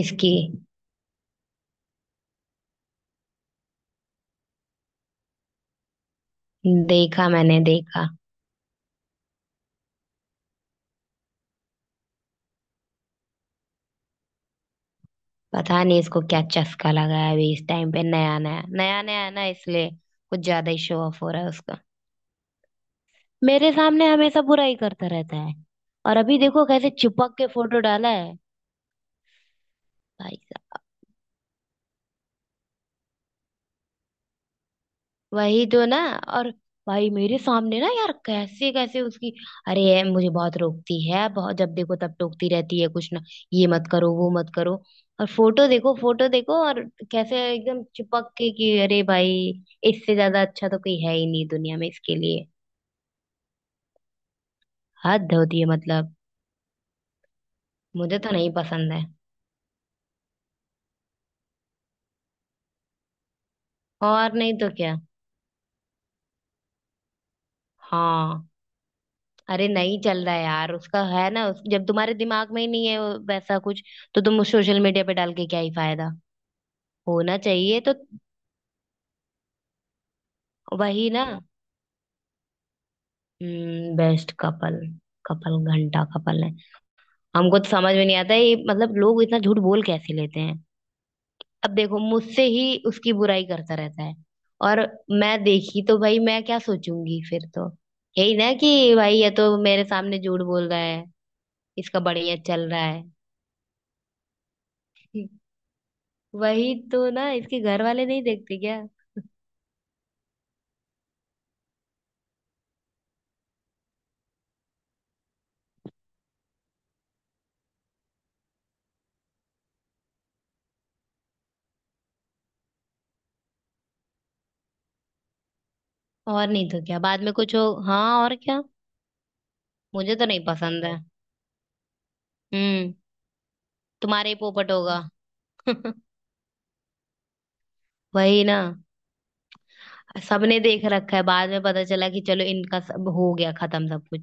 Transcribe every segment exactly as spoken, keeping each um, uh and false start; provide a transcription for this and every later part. इसकी। देखा, मैंने देखा। पता नहीं इसको क्या चस्का लगा है अभी इस टाइम पे नया नया नया नया है ना इसलिए कुछ ज्यादा ही शो ऑफ हो रहा है उसका। मेरे सामने हमेशा बुरा ही करता रहता है। और अभी देखो कैसे चिपक के फोटो डाला है। भाई साहब। वही तो ना। और भाई मेरे सामने ना यार कैसे कैसे उसकी। अरे ये मुझे बहुत टोकती है, बहुत जब देखो तब टोकती रहती है कुछ ना। ये मत करो, वो मत करो। और फोटो देखो, फोटो देखो और कैसे एकदम चिपक के कि अरे भाई इससे ज्यादा अच्छा तो कोई है ही नहीं दुनिया में इसके लिए। हद होती है मतलब। मुझे तो नहीं पसंद है। और नहीं तो क्या। हाँ। अरे नहीं चल रहा है यार उसका है ना उस, जब तुम्हारे दिमाग में ही नहीं है वो वैसा कुछ तो तुम सोशल मीडिया पे डाल के क्या ही फायदा। होना चाहिए तो। वही ना। Best couple. कपल घंटा कपल है। हमको तो समझ में नहीं आता ये, मतलब लोग इतना झूठ बोल कैसे लेते हैं। अब देखो मुझसे ही उसकी बुराई करता रहता है। और मैं देखी तो भाई मैं क्या सोचूंगी फिर तो यही ना कि भाई ये तो मेरे सामने झूठ बोल रहा है। इसका बढ़िया चल रहा है। वही तो ना इसके घर वाले नहीं देखते क्या। और नहीं तो क्या, बाद में कुछ हो। हाँ और क्या। मुझे तो नहीं पसंद है। हम्म। तुम्हारे ही पोपट होगा। वही ना। सबने देख रखा है, बाद में पता चला कि चलो इनका सब हो गया, खत्म सब कुछ।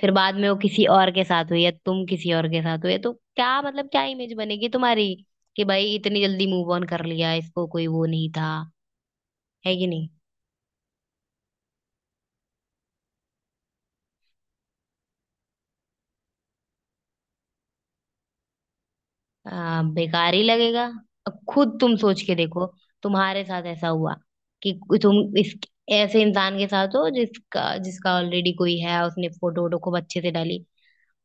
फिर बाद में वो किसी और के साथ हुई या तुम किसी और के साथ हुए तो क्या मतलब क्या इमेज बनेगी तुम्हारी। कि भाई इतनी जल्दी मूव ऑन कर लिया, इसको कोई वो नहीं था। है कि नहीं। आ, बेकार ही लगेगा। अब खुद तुम सोच के देखो। तुम्हारे साथ ऐसा हुआ कि तुम इस ऐसे इंसान के साथ हो जिसका जिसका ऑलरेडी कोई है। उसने फोटो वोटो खूब अच्छे से डाली।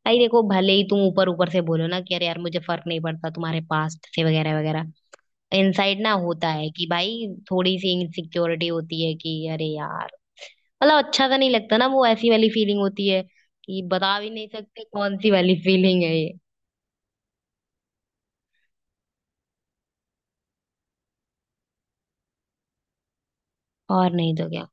भाई देखो भले ही तुम ऊपर ऊपर से बोलो ना कि अरे यार मुझे फर्क नहीं पड़ता तुम्हारे पास्ट से वगैरह वगैरह। इनसाइड ना होता है कि भाई थोड़ी सी इनसिक्योरिटी होती है कि अरे यार मतलब अच्छा सा नहीं लगता ना, वो ऐसी वाली फीलिंग होती है कि बता भी नहीं सकते कौन सी वाली फीलिंग है ये। और नहीं तो क्या।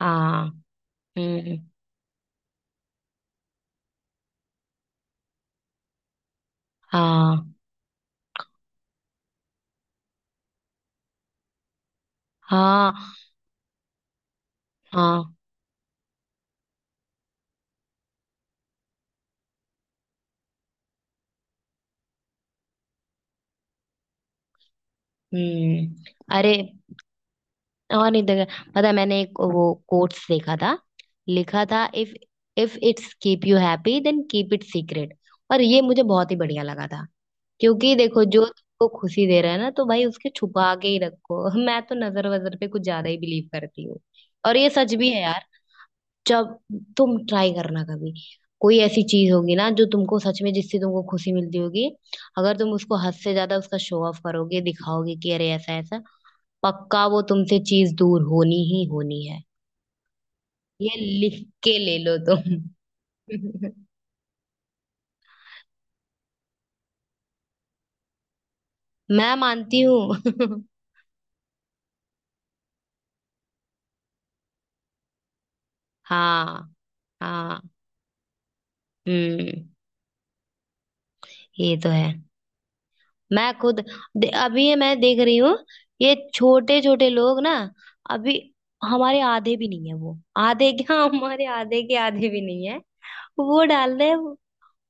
हाँ। हम्म। हाँ। हाँ। हाँ। हम्म। अरे और नहीं देखा पता है, मैंने एक वो कोट्स देखा था। लिखा था, if if it's keep you happy then keep it secret. और ये मुझे बहुत ही बढ़िया लगा था क्योंकि देखो जो तुमको खुशी दे रहा है ना तो भाई उसके छुपा के ही रखो। मैं तो नजर वजर पे कुछ ज्यादा ही बिलीव करती हूँ। और ये सच भी है यार। जब तुम ट्राई करना कभी कोई ऐसी चीज होगी ना जो तुमको सच में जिससे तुमको खुशी मिलती होगी। अगर तुम उसको हद से ज्यादा उसका शो ऑफ करोगे, दिखाओगे कि अरे ऐसा ऐसा पक्का वो तुमसे चीज दूर होनी ही होनी है। ये लिख के ले लो तुम। मैं मानती हूँ। हाँ। हाँ। हम्म। ये तो है। मैं खुद दे, अभी ये मैं देख रही हूँ। ये छोटे छोटे लोग ना अभी हमारे आधे भी नहीं है, वो आधे क्या हमारे आधे के आधे भी नहीं है। वो डाल रहे हैं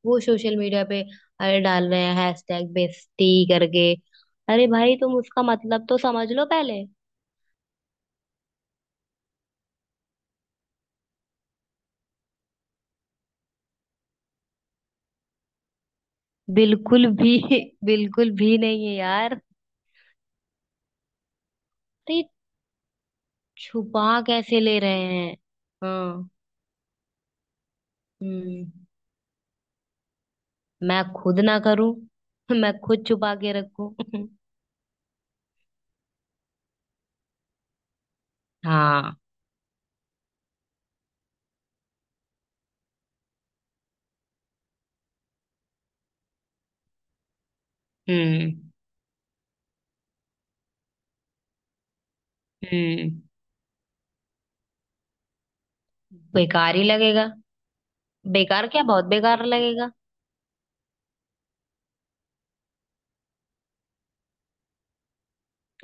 वो सोशल मीडिया पे। अरे डाल रहे हैं हैशटैग बेस्टी करके। अरे भाई तुम उसका मतलब तो समझ लो पहले। बिल्कुल भी बिल्कुल भी नहीं है यार। अरे छुपा कैसे ले रहे हैं। हाँ। हम्म। मैं खुद ना करूं। मैं खुद छुपा के रखूं। हाँ। हम्म। हम्म। बेकार ही लगेगा। बेकार क्या, बहुत बेकार लगेगा।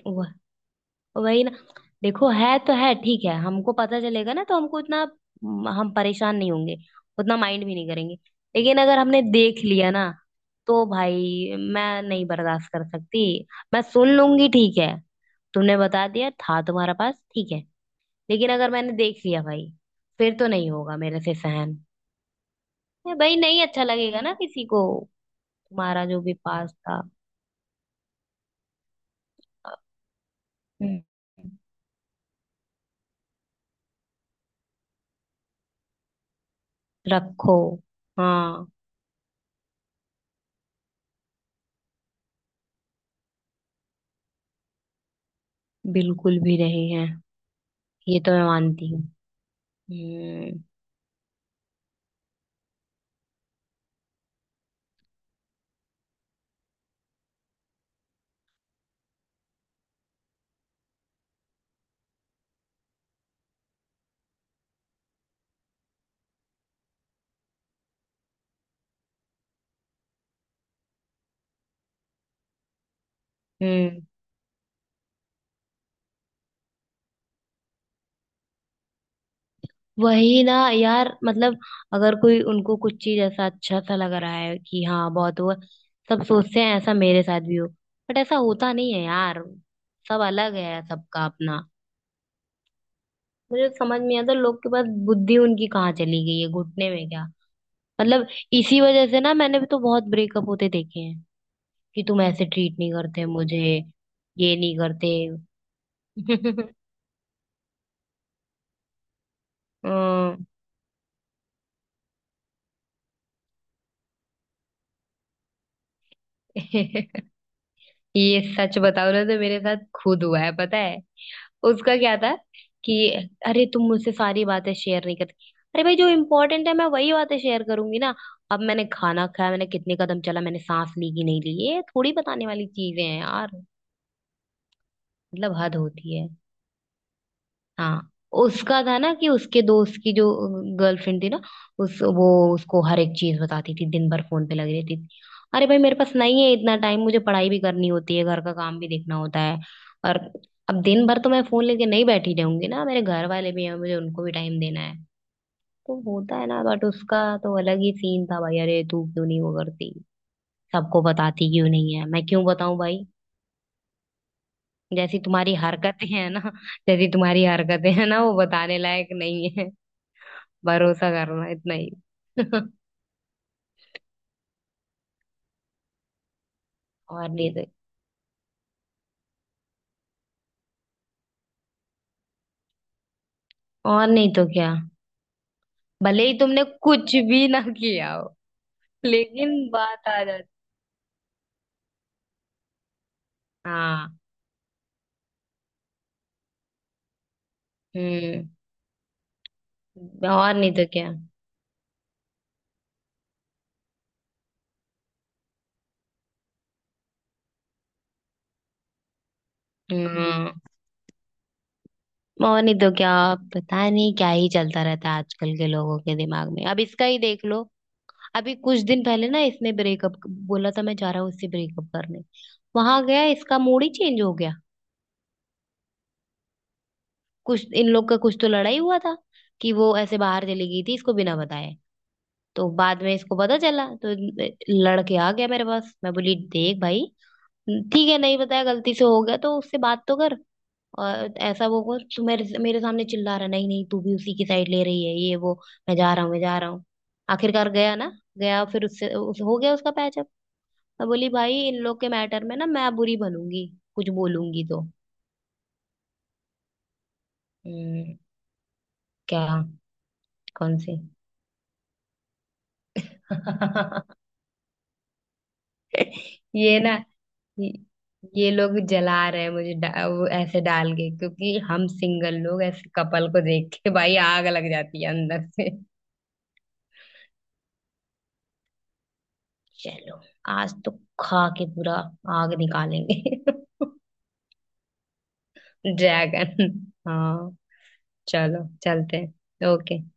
वह। वही ना। देखो है तो है ठीक है, हमको पता चलेगा ना तो हमको इतना म, हम परेशान नहीं होंगे। उतना माइंड भी नहीं करेंगे। लेकिन अगर हमने देख लिया ना तो भाई मैं नहीं बर्दाश्त कर सकती। मैं सुन लूंगी ठीक है, तुमने बता दिया था तुम्हारा पास, ठीक है। लेकिन अगर मैंने देख लिया भाई फिर तो नहीं होगा मेरे से सहन। ए, भाई नहीं अच्छा लगेगा ना किसी को तुम्हारा जो भी पास था। हम्म। रखो। हाँ। बिल्कुल भी नहीं है। ये तो मैं मानती हूँ। हम्म। हम्म। वही ना यार मतलब अगर कोई उनको कुछ चीज ऐसा अच्छा सा लग रहा है कि हाँ बहुत हुआ, सब सोचते हैं ऐसा मेरे साथ भी हो। बट ऐसा होता नहीं है यार। सब अलग है, सबका अपना। मुझे समझ नहीं आता लोग के पास बुद्धि उनकी कहाँ चली गई है, घुटने में क्या। मतलब। इसी वजह से ना मैंने भी तो बहुत ब्रेकअप होते देखे हैं कि तुम ऐसे ट्रीट नहीं करते मुझे, ये नहीं करते। हम्म। ये सच बताओ ना तो मेरे साथ खुद हुआ है पता है। उसका क्या था कि अरे तुम मुझसे सारी बातें शेयर नहीं करती। अरे भाई जो इम्पोर्टेंट है मैं वही बातें शेयर करूंगी ना। अब मैंने खाना खाया, मैंने कितने कदम चला, मैंने सांस ली कि नहीं ली, ये थोड़ी बताने वाली चीजें हैं यार। मतलब हद होती है। हाँ। उसका था ना कि उसके दोस्त की जो गर्लफ्रेंड थी ना उस वो उसको हर एक चीज बताती थी, दिन भर फोन पे लगी रहती थी। अरे भाई मेरे पास नहीं है इतना टाइम, मुझे पढ़ाई भी करनी होती है, घर का काम भी देखना होता है। और अब दिन भर तो मैं फोन लेके नहीं बैठी रहूंगी ना, मेरे घर वाले भी हैं, मुझे उनको भी टाइम देना है। तो होता है ना, बट उसका तो अलग ही सीन था भाई, अरे तू क्यों नहीं वो करती, सबको बताती क्यों नहीं है, मैं क्यों बताऊं भाई। जैसी तुम्हारी हरकतें हैं ना जैसी तुम्हारी हरकतें हैं ना वो बताने लायक नहीं। भरोसा करना इतना ही। और नहीं तो। और नहीं तो क्या, भले ही तुमने कुछ भी ना किया हो लेकिन बात आ जाती। हाँ। हम्म। और नहीं तो क्या। हम्म। और नहीं तो क्या, पता नहीं क्या ही चलता रहता है आजकल के लोगों के दिमाग में। अब इसका ही देख लो। अभी कुछ दिन पहले ना इसने ब्रेकअप बोला था, मैं जा रहा हूँ इससे ब्रेकअप करने। वहां गया, इसका मूड ही चेंज हो गया। कुछ इन लोग का कुछ तो लड़ाई हुआ था कि वो ऐसे बाहर चली गई थी इसको बिना बताए। तो बाद में इसको पता चला तो लड़के आ गया मेरे पास। मैं बोली देख भाई ठीक है नहीं बताया, गलती से हो गया तो उससे बात तो कर। और ऐसा वो कर, तू मेरे मेरे सामने चिल्ला रहा नहीं, नहीं तू भी उसी की साइड ले रही है ये वो। मैं जा रहा हूँ, मैं जा रहा हूँ। आखिरकार गया ना। गया फिर उससे उस, हो गया उसका पैचअप। मैं बोली भाई इन लोग के मैटर में ना मैं बुरी बनूंगी कुछ बोलूंगी तो। हम्म, क्या। कौन सी। ये ना ये ये लोग जला रहे हैं मुझे डा, वो ऐसे डाल के क्योंकि हम सिंगल लोग ऐसे कपल को देख के भाई आग लग जाती है अंदर से। चलो आज तो खा के पूरा आग निकालेंगे। ड्रैगन। हाँ। चलो चलते हैं, ओके।